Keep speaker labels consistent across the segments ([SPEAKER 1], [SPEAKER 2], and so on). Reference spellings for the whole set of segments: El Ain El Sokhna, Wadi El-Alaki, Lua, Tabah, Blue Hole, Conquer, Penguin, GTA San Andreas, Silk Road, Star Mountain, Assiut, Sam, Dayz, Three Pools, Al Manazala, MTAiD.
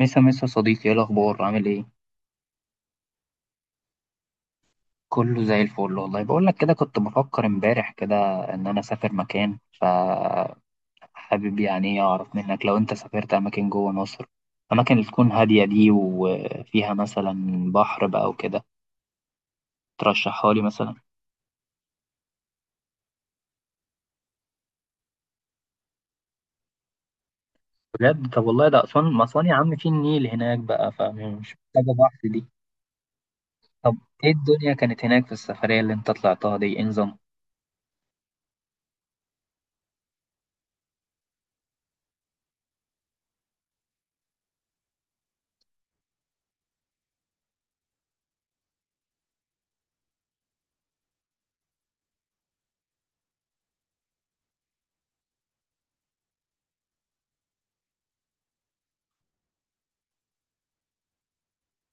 [SPEAKER 1] مسا مسا صديقي، ايه الاخبار؟ عامل ايه؟ كله زي الفل. والله بقول لك كده، كنت بفكر امبارح كده ان انا اسافر مكان، فحابب يعني اعرف منك لو انت سافرت اماكن جوه مصر، اماكن اللي تكون هاديه دي وفيها مثلا بحر بقى وكده، ترشحها لي مثلا. بجد؟ طب والله ده اسوان، ما اسوان يا عم في النيل هناك بقى، فمش محتاجه بحر دي. طب ايه الدنيا كانت هناك في السفريه اللي انت طلعتها دي، انظم؟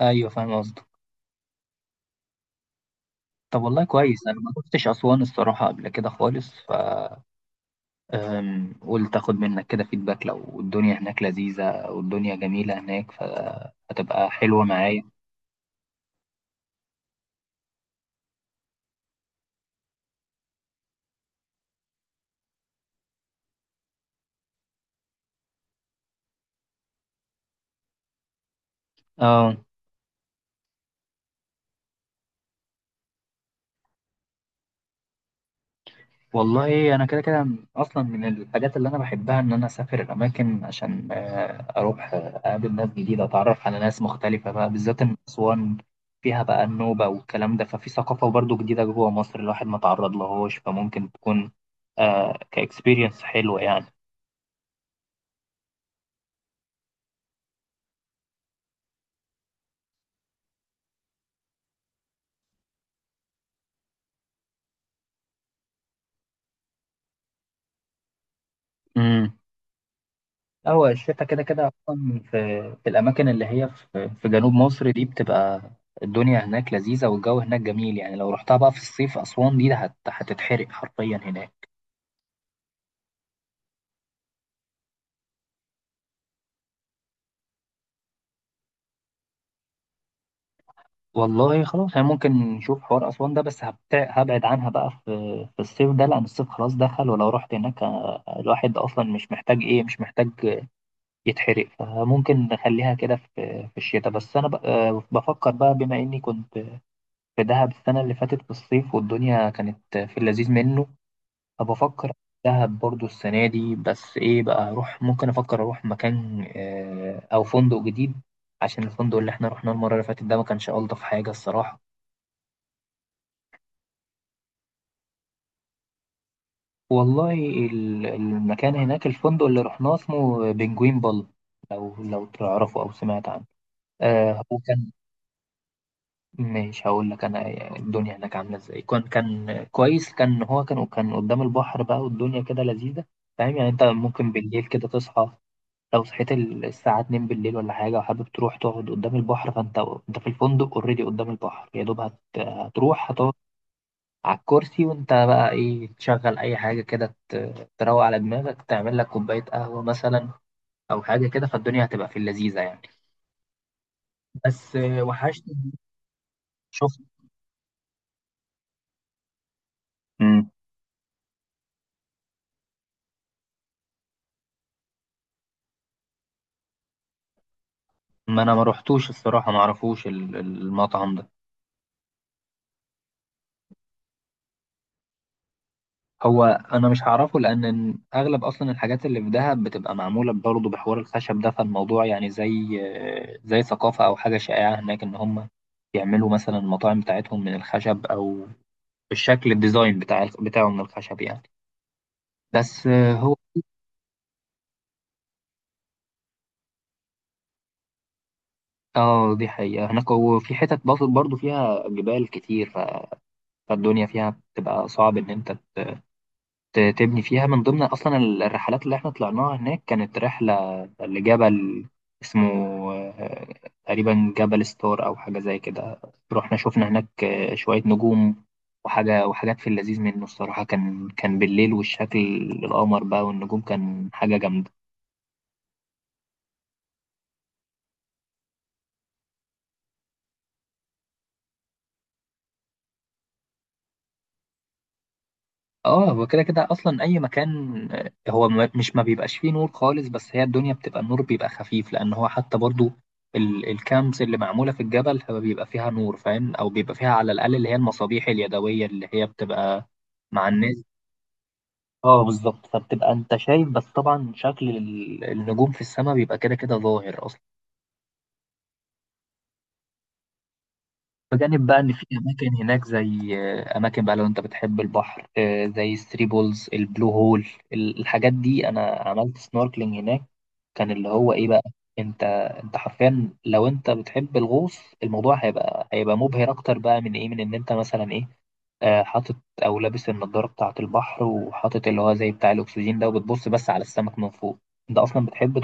[SPEAKER 1] ايوه فاهم قصدك. طب والله كويس، انا ما كنتش اسوان الصراحه قبل كده خالص. ف قول تاخد منك كده فيدباك، لو الدنيا هناك لذيذة والدنيا جميلة هناك فهتبقى حلوة معايا. اه، والله انا كده كده اصلا من الحاجات اللي انا بحبها ان انا اسافر اماكن، عشان اروح، اقابل ناس جديدة، اتعرف على ناس مختلفة، بقى بالذات ان اسوان فيها بقى النوبة والكلام ده، ففي ثقافة برضو جديدة جوه مصر الواحد ما تعرض لهوش، فممكن تكون آه كاكسبيرينس حلوة يعني. مم. هو الشتاء كده كده أصلا في الأماكن اللي هي في في جنوب مصر دي، بتبقى الدنيا هناك لذيذة والجو هناك جميل. يعني لو رحتها بقى في الصيف، أسوان دي هتتحرق حرفيا هناك. والله خلاص، يعني ممكن نشوف حوار أسوان ده، بس هبتع- هبعد عنها بقى في في الصيف ده، لأن الصيف خلاص دخل، ولو رحت هناك الواحد أصلا مش محتاج إيه، مش محتاج يتحرق، فممكن نخليها كده في في الشتاء. بس أنا بفكر بقى، بما إني كنت في دهب السنة اللي فاتت في الصيف والدنيا كانت في اللذيذ منه. طب افكر دهب برضو السنه دي، بس ايه بقى اروح، ممكن افكر اروح مكان او فندق جديد، عشان الفندق اللي احنا رحناه المره اللي فاتت ده ما كانش الطف حاجه الصراحه. والله المكان هناك، الفندق اللي رحناه اسمه بنجوين بال، لو لو تعرفه او سمعت عنه. آه هو كان، مش هقول لك انا الدنيا هناك عامله ازاي، كان كويس، كان هو كان قدام البحر بقى والدنيا كده لذيذه. فاهم يعني؟ انت ممكن بالليل كده تصحى، لو صحيت الساعة 2 بالليل ولا حاجة وحابب تروح تقعد قدام البحر، فأنت أنت في الفندق أوريدي قدام البحر، يا دوب هتروح هتقعد على الكرسي، وأنت بقى إيه، تشغل أي حاجة كده، تروق على دماغك، تعمل لك كوباية قهوة مثلا، أو حاجة كده، فالدنيا هتبقى في اللذيذة يعني. بس وحشني. شفت. مم. ما أنا ما روحتوش الصراحة، ما أعرفوش المطعم ده. هو انا مش هعرفه، لان اغلب اصلا الحاجات اللي في دهب بتبقى معموله برضه بحوار الخشب ده، فالموضوع يعني زي زي ثقافه او حاجه شائعه هناك، ان هم يعملوا مثلا المطاعم بتاعتهم من الخشب، او الشكل الديزاين بتاعه من الخشب يعني. بس آه، هو اه، دي حقيقة هناك. وفي حتت برضه فيها جبال كتير، فالدنيا فيها بتبقى صعب ان انت تبني فيها. من ضمن أصلا الرحلات اللي احنا طلعناها هناك كانت رحلة لجبل اسمه آه، تقريبا جبل ستار أو حاجة زي كده. رحنا شفنا هناك شوية نجوم وحاجة، وحاجات في اللذيذ منه الصراحة. كان كان بالليل، والشكل، القمر بقى والنجوم، كان حاجة جامدة. اه، هو كده كده اصلا اي مكان هو مش ما بيبقاش فيه نور خالص، بس هي الدنيا بتبقى النور بيبقى خفيف، لان هو حتى برضو الكامبس اللي معموله في الجبل هو بيبقى فيها نور، فاهم؟ او بيبقى فيها على الاقل اللي هي المصابيح اليدويه اللي هي بتبقى مع الناس. اه بالظبط، فبتبقى انت شايف، بس طبعا شكل النجوم في السماء بيبقى كده كده ظاهر، بجانب بقى ان في اماكن هناك زي اماكن بقى، لو انت بتحب البحر زي الثري بولز، البلو هول، الحاجات دي، انا عملت سنوركلينج هناك، كان اللي هو ايه بقى. انت انت حرفيا لو انت بتحب الغوص، الموضوع هيبقى مبهر اكتر بقى من ايه، من ان انت مثلا ايه حاطط او لابس النضاره بتاعه البحر، وحاطط اللي هو زي بتاع الاكسجين ده، وبتبص بس على السمك من فوق. انت اصلا بتحب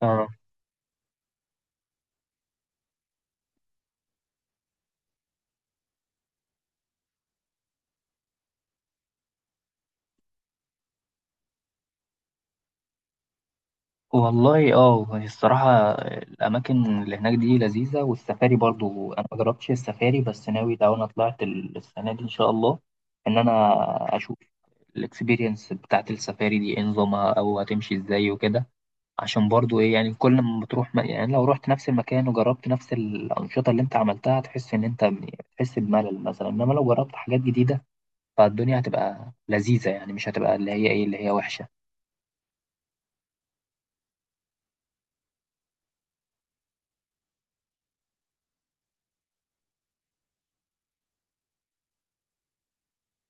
[SPEAKER 1] تغوص. والله اه، هي الصراحة الأماكن اللي هناك دي لذيذة، والسفاري برضو أنا مجربتش السفاري، بس ناوي لو أنا طلعت السنة دي إن شاء الله، إن أنا أشوف الإكسبيرينس بتاعت السفاري دي إيه نظامها، أو هتمشي إزاي وكده. عشان برضو إيه، يعني كل ما بتروح يعني لو رحت نفس المكان وجربت نفس الأنشطة اللي أنت عملتها، هتحس إن أنت بتحس بملل مثلا، إنما لو جربت حاجات جديدة فالدنيا هتبقى لذيذة يعني، مش هتبقى اللي هي إيه، اللي هي وحشة.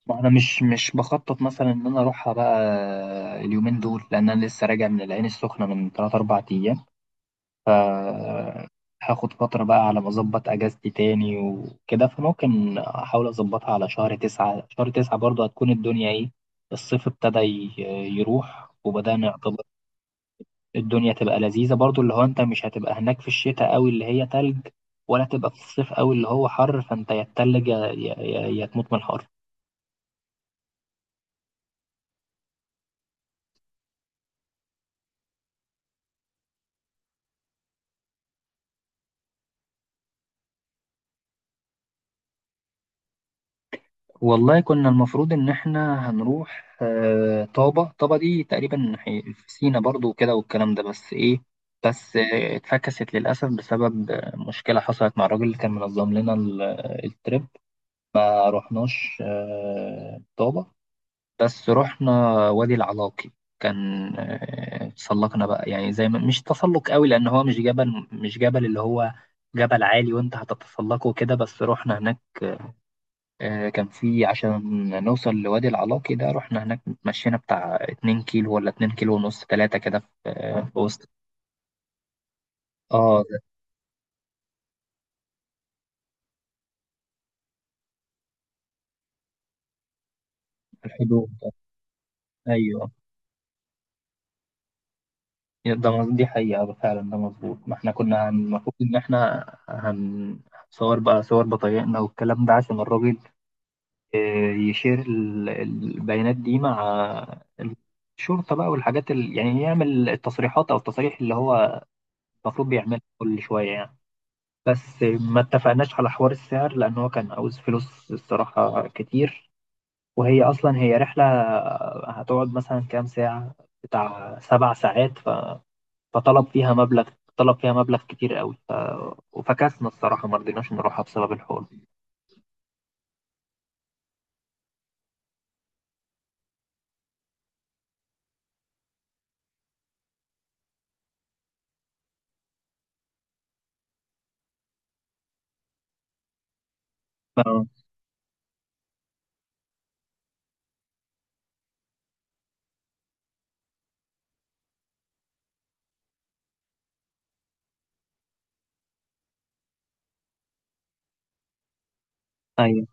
[SPEAKER 1] ما انا مش بخطط مثلا ان انا اروحها بقى اليومين دول، لان انا لسه راجع من العين السخنه من 3 4 ايام. آه، هاخد فتره بقى على ما اظبط اجازتي تاني وكده، فممكن احاول اظبطها على شهر 9. شهر 9 برضه هتكون الدنيا ايه، الصيف ابتدى يروح، وبدأنا يعتبر الدنيا تبقى لذيذه برضه، اللي هو انت مش هتبقى هناك في الشتاء قوي اللي هي تلج، ولا تبقى في الصيف قوي اللي هو حر، فانت يا تتلج يا تموت من الحر. والله كنا المفروض إن إحنا هنروح طابة. طابة دي تقريبا في سينا برضو وكده والكلام ده، بس إيه، بس اتفكست للأسف بسبب مشكلة حصلت مع الراجل اللي كان منظم لنا الترip. ما رحناش طابة، بس رحنا وادي العلاقي. كان تسلقنا بقى يعني، زي ما مش تسلق قوي، لأن هو مش جبل اللي هو جبل عالي وأنت هتتسلقه كده، بس رحنا هناك كان في عشان نوصل لوادي العلاقي ده، رحنا هناك مشينا بتاع 2 كيلو ولا 2 كيلو ونص 3 كده، في في وسط. اه، ده في الحدود ده. ايوه، ده دي حقيقة فعلا، ده مظبوط. ما احنا كنا المفروض ان احنا هنصور بقى صور بطايقنا والكلام ده، عشان الراجل يشير البيانات دي مع الشرطة بقى، والحاجات يعني يعمل التصريحات او التصاريح اللي هو المفروض بيعملها كل شوية يعني. بس ما اتفقناش على حوار السعر، لأن هو كان عاوز فلوس الصراحة كتير، وهي أصلا هي رحلة هتقعد مثلا كام ساعة، بتاع 7 ساعات، فطلب فيها مبلغ، طلب فيها مبلغ كتير قوي وفكسنا الصراحة ما رضيناش نروحها بسبب الحوار. ف- أيوة.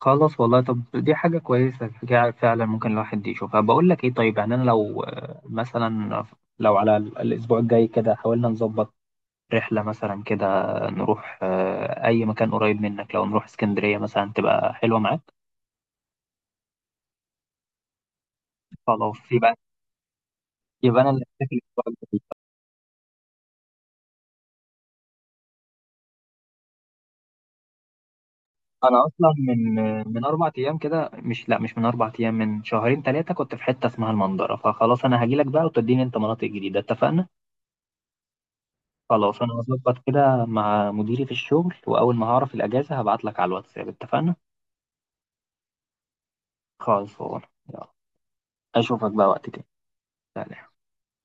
[SPEAKER 1] خلاص والله، طب دي حاجة كويسة، حاجة فعلا ممكن الواحد يشوفها. بقول لك إيه، طيب يعني أنا لو مثلا لو على الأسبوع الجاي كده حاولنا نظبط رحلة مثلا كده، نروح أي مكان قريب منك، لو نروح اسكندرية مثلا تبقى حلوة معاك. خلاص يبقى، يبقى أنا اللي هحتفل الأسبوع اللي فات. أنا أصلا من، من أربع أيام كده، مش، لأ مش من أربع أيام، من شهرين تلاتة كنت في حتة اسمها المنظرة، فخلاص أنا هجيلك بقى وتديني أنت مناطق جديدة، اتفقنا؟ خلاص أنا هظبط كده مع مديري في الشغل، وأول ما هعرف الأجازة هبعتلك على الواتساب، اتفقنا؟ خلاص يلا، أشوفك بقى وقت تاني. سلام.